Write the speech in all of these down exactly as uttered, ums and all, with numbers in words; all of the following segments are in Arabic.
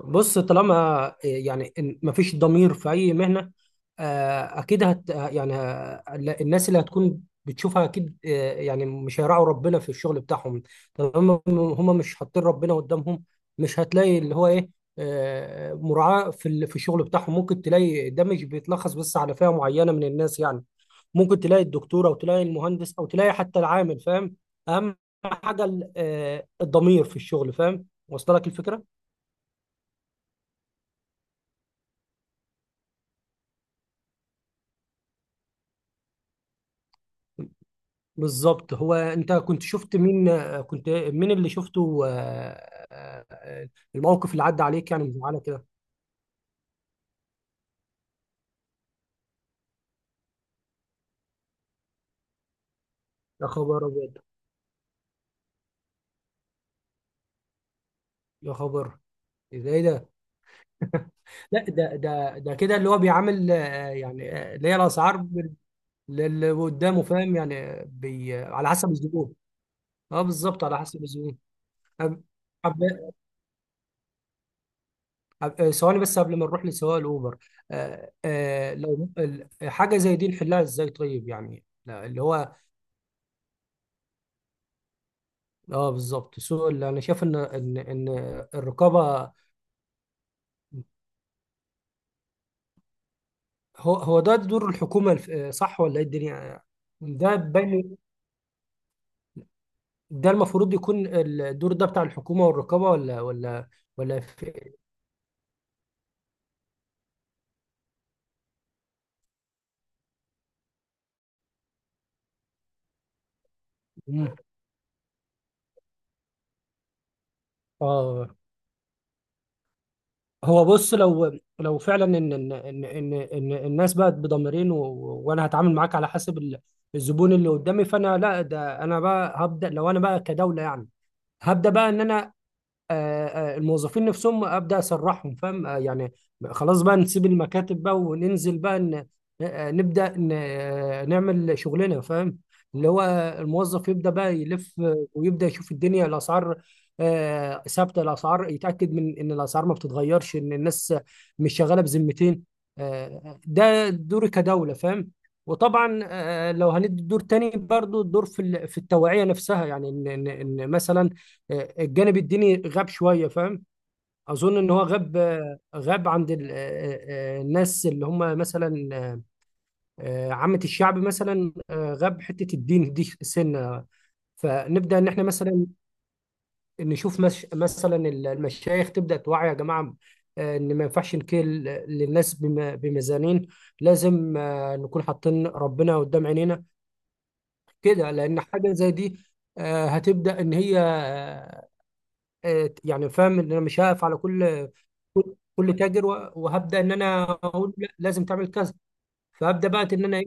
بص، طالما آه، يعني ما فيش ضمير في اي مهنه. آه، اكيد هت يعني آه، الناس اللي هتكون بتشوفها اكيد، آه، يعني مش هيراعوا ربنا في الشغل بتاعهم. طالما هم مش حاطين ربنا قدامهم، مش هتلاقي اللي هو ايه، آه، مراعاه في ال- في الشغل بتاعهم. ممكن تلاقي، ده مش بيتلخص بس على فئه معينه من الناس، يعني ممكن تلاقي الدكتور او تلاقي المهندس او تلاقي حتى العامل، فاهم؟ اهم حاجه ال- آه، الضمير في الشغل، فاهم؟ وصل لك الفكره؟ بالظبط. هو انت كنت شفت مين آه، كنت مين اللي شفته؟ آه، آه، الموقف اللي عدى عليك، يعني، مزعله كده؟ يا خبر ابيض! يا خبر! ازاي ده؟ لا، ده ده ده كده، اللي هو بيعامل، آه، يعني آه، اللي هي الاسعار بال- للي قدامه، فاهم؟ يعني آه، بي آه، على حسب الزبون. اه، بالظبط، على حسب الزبون. أب- أب- أب- آه، ثواني بس قبل ما نروح لسواق الاوبر. آه، آه، لو ال- حاجه زي دي نحلها ازاي، طيب؟ يعني، لا، اللي هو... اه، بالظبط، سوء، اللي انا شايف ان ان ان الرقابه. هو هو ده دور الحكومه، الف- آه، صح ولا ايه؟ الدنيا... ده باين. ده المفروض يكون الدور ده بتاع الحكومه والرقابه، ولا ولا ولا في إيه؟ مم. اه، هو بص. لو لو فعلا ان ان ان ان, إن الناس بقت بضميرين، و... وانا هتعامل معاك على حسب ال- الزبون اللي قدامي. فانا، لا، ده انا بقى هبدا. لو انا بقى كدوله، يعني، هبدا بقى ان انا... آه، آه، الموظفين نفسهم، ابدا اسرحهم، فاهم؟ آه، يعني، خلاص بقى، نسيب المكاتب بقى وننزل بقى، ن... آه، آه، نبدا ن... آه، نعمل شغلنا، فاهم؟ اللي هو الموظف يبدا بقى يلف، آه، ويبدا يشوف الدنيا، الاسعار، آه، ثابته، الاسعار، يتاكد من ان الاسعار ما بتتغيرش، ان الناس مش شغاله بذمتين. آه، ده دوري كدوله، فاهم؟ وطبعا آه، لو هندي دور تاني برضو، الدور في ال- في التوعيه نفسها، يعني ان ان إن مثلا آه، الجانب الديني غاب شويه، فاهم؟ اظن ان هو غاب غاب عند ال- آه، آه، الناس اللي هم مثلا آه، عامه الشعب مثلا، آه، غاب حته، الدين دي سنه. فنبدا ان احنا مثلا نشوف، مش مثلا المشايخ تبدا توعي، يا جماعه، آه، ان ما ينفعش نكل للناس بم- بميزانين. لازم آه، نكون حاطين ربنا قدام عينينا كده، لان حاجه زي دي آه، هتبدا، ان هي آه، آه، يعني، فاهم؟ ان انا مش هقف على كل كل تاجر و- وهبدا ان انا اقول لا، لازم تعمل كذا. فهبدا بقى ان انا إيه؟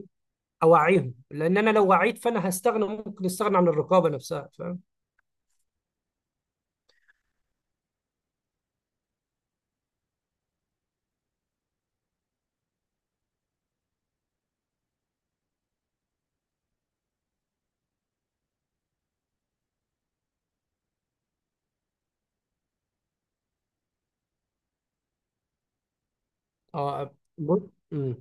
اوعيهم، لان انا لو وعيت، فانا هستغنى، ممكن استغنى عن الرقابه نفسها، فاهم؟ اه، بص. مم.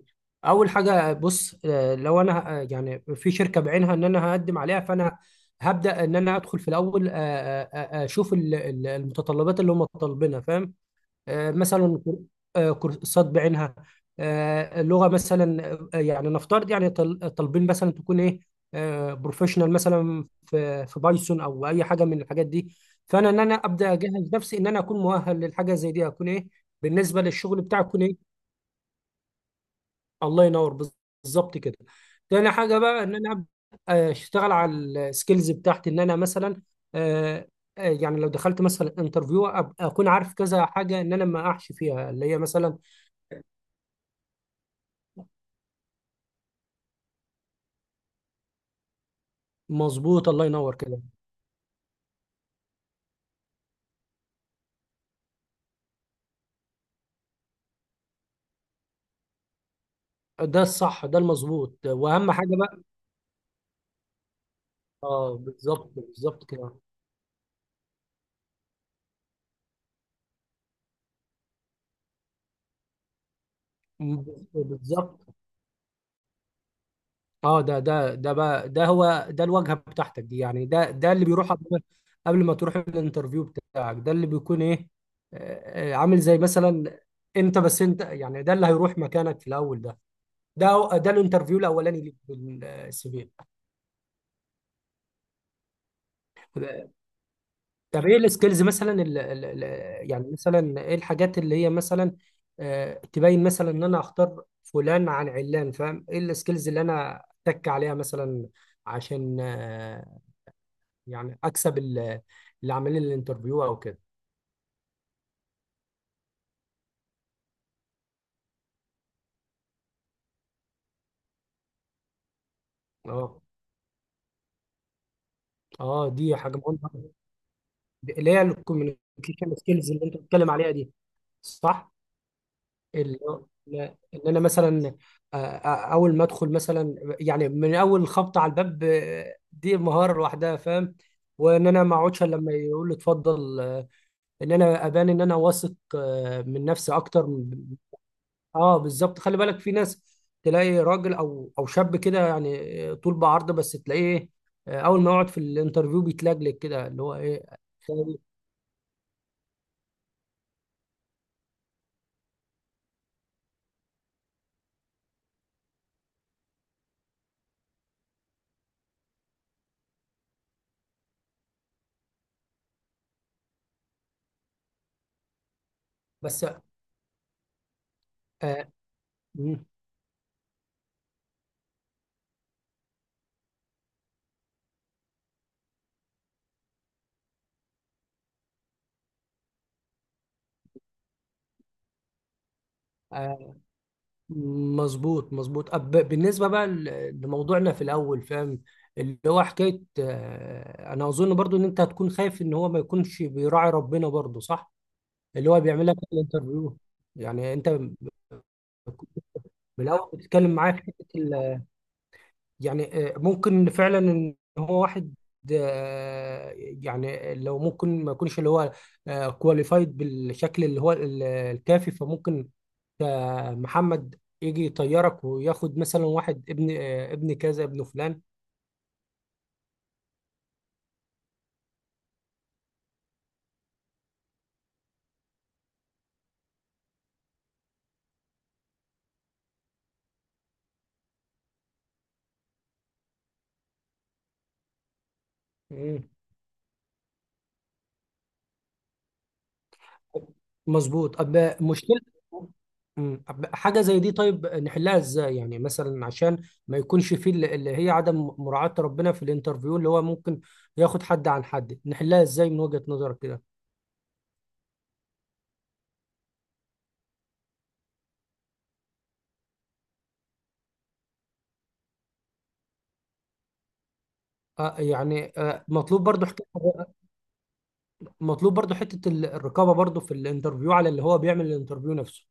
اول حاجه، بص، آه، لو انا آه، يعني في شركه بعينها ان انا هقدم عليها، فانا هبدا ان انا ادخل في الاول، آه، آه، آه، آه، اشوف ال- ال- المتطلبات اللي هم طالبينها، فاهم؟ آه، مثلا كور- آه، كورسات بعينها، آه، لغه مثلا، آه، يعني نفترض، يعني طال- طالبين مثلا تكون ايه، بروفيشنال مثلا في في بايثون او اي حاجه من الحاجات دي. فانا ان انا ابدا اجهز نفسي، ان انا اكون مؤهل للحاجه زي دي، اكون ايه بالنسبه للشغل بتاعي، اكون ايه... الله ينور. بز- بالظبط كده. تاني حاجه بقى، ان انا ابدا اشتغل على السكيلز بتاعتي، ان انا مثلا آه، آه، يعني لو دخلت مثلا انترفيو، اكون عارف كذا حاجه، ان انا ما اقعش فيها، اللي هي مثلا... مظبوط، الله ينور كده. ده الصح، ده المظبوط، واهم حاجه بقى. اه بالظبط، بالظبط كده. م- بالظبط. اه، ده ده ده بقى، ده هو ده الواجهه بتاعتك دي، يعني ده ده اللي بيروح قبل، قبل ما تروح الانترفيو بتاعك، ده اللي بيكون ايه، آه، آه، عامل زي مثلا انت، بس انت، يعني ده اللي هيروح مكانك في الاول، ده ده ده الانترفيو الاولاني ليك بالسي في. طب ايه السكيلز مثلا، ال ال ال يعني مثلا ايه الحاجات اللي هي مثلا آه، تبين مثلا ان انا اختار فلان عن علان، فاهم؟ ايه السكيلز اللي انا اتك عليها مثلا عشان آه، يعني اكسب ال- اللي عاملين الانترفيو او كده. اه، اه، دي حاجه مهمه. اللي هي الكوميونيكيشن سكيلز اللي انت بتتكلم عليها دي، صح؟ اللي هو ان إن انا مثلا، آه، آه، اول ما ادخل مثلا، يعني من اول خبطه على الباب، آه، دي مهاره لوحدها، فاهم؟ وان انا ما اقعدش إلا لما يقول لي اتفضل. آه، ان انا ابان ان انا واثق، آه، من نفسي اكتر من- اه بالظبط، خلي بالك، في ناس تلاقي راجل او او شاب كده، يعني، آه، طول بعرضه، بس تلاقيه آه، اول ما يقعد في الانترفيو بيتلجلج كده، اللي هو ايه. بس آه، مم. آه، مظبوط، مظبوط. أب بالنسبه بقى ل- لموضوعنا في الاول، فاهم؟ اللي هو حكايه آه، انا اظن برضو ان انت هتكون خايف ان هو ما يكونش بيراعي ربنا برضو، صح؟ اللي هو بيعمل لك الانترفيو، يعني انت من الاول بتتكلم معايا في حته، يعني آه، ممكن فعلا ان هو واحد آه، يعني لو ممكن ما يكونش اللي هو كواليفايد بالشكل اللي هو ال- الكافي، فممكن آه، محمد يجي يطيرك وياخد مثلا واحد، ابن آه، ابن كذا ابن فلان. مم. مظبوط. أب مشكلة. مم. أب حاجة زي دي، طيب، نحلها ازاي؟ يعني مثلا، عشان ما يكونش فيه اللي اللي هي عدم مراعاة ربنا في الانترفيو، اللي هو ممكن ياخد حد عن حد. نحلها ازاي من وجهة نظرك كده؟ آه، يعني آه، مطلوب برضو حكاية، مطلوب برضو حتة ال- الرقابة برضو في الانترفيو على اللي هو بيعمل الانترفيو نفسه.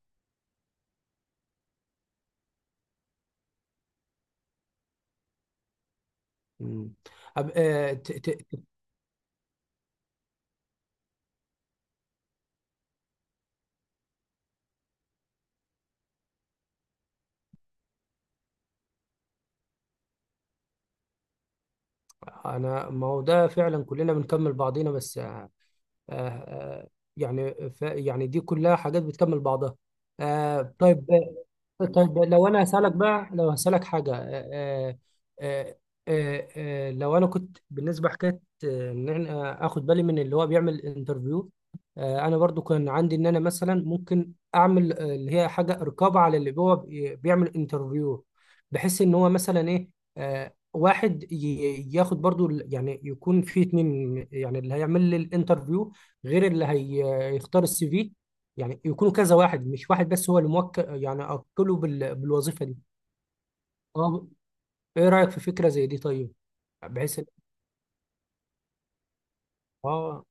مم. أب... آه، ت... ت... ت- أنا، ما هو ده فعلا، كلنا بنكمل بعضينا. بس آه، آه، آه، يعني، ف... يعني دي كلها حاجات بتكمل بعضها. آه، طيب، طيب، لو انا هسألك بقى، لو هسألك حاجة، آه، آه، آه، آه، آه، لو انا كنت بالنسبة حكاية آه، ان انا اخد بالي من اللي هو بيعمل انترفيو. انا برضو كان عندي، ان انا مثلا ممكن اعمل آه، اللي هي حاجة رقابة على اللي هو بي- بيعمل انترفيو، بحيث ان هو مثلا ايه، آه، واحد ي- ياخد برضو ال- يعني يكون في اتنين، يعني اللي هيعمل لي الانترفيو غير اللي هيختار السي في، يعني يكونوا كذا واحد، مش واحد بس هو اللي موكل، يعني أوكله بال... بالوظيفة دي. اه، ايه رأيك في فكرة زي دي، طيب؟ بحيث إن- اه،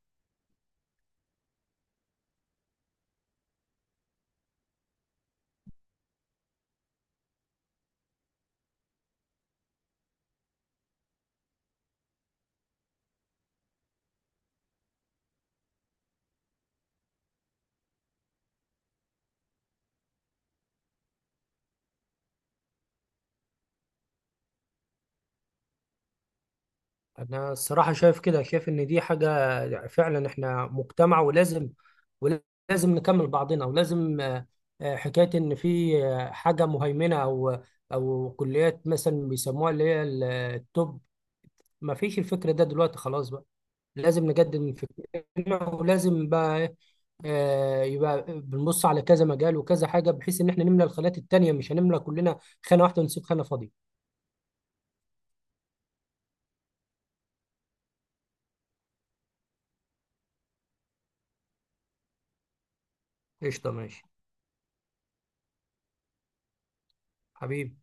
انا الصراحة شايف كده، شايف ان دي حاجة فعلا، احنا مجتمع، ولازم ولازم نكمل بعضنا، ولازم آه، آه، حكاية ان في آه، حاجة مهيمنة او او كليات مثلا بيسموها اللي هي ال- التوب. ما فيش الفكرة ده دلوقتي، خلاص بقى، لازم نجدد من فكرنا، ولازم بقى إيه، آه، يبقى بنبص على كذا مجال وكذا حاجه، بحيث ان احنا نملى الخانات التانيه، مش هنملى كلنا خانه واحده ونسيب خانه فاضيه. قشطه، ماشي، حبيبي.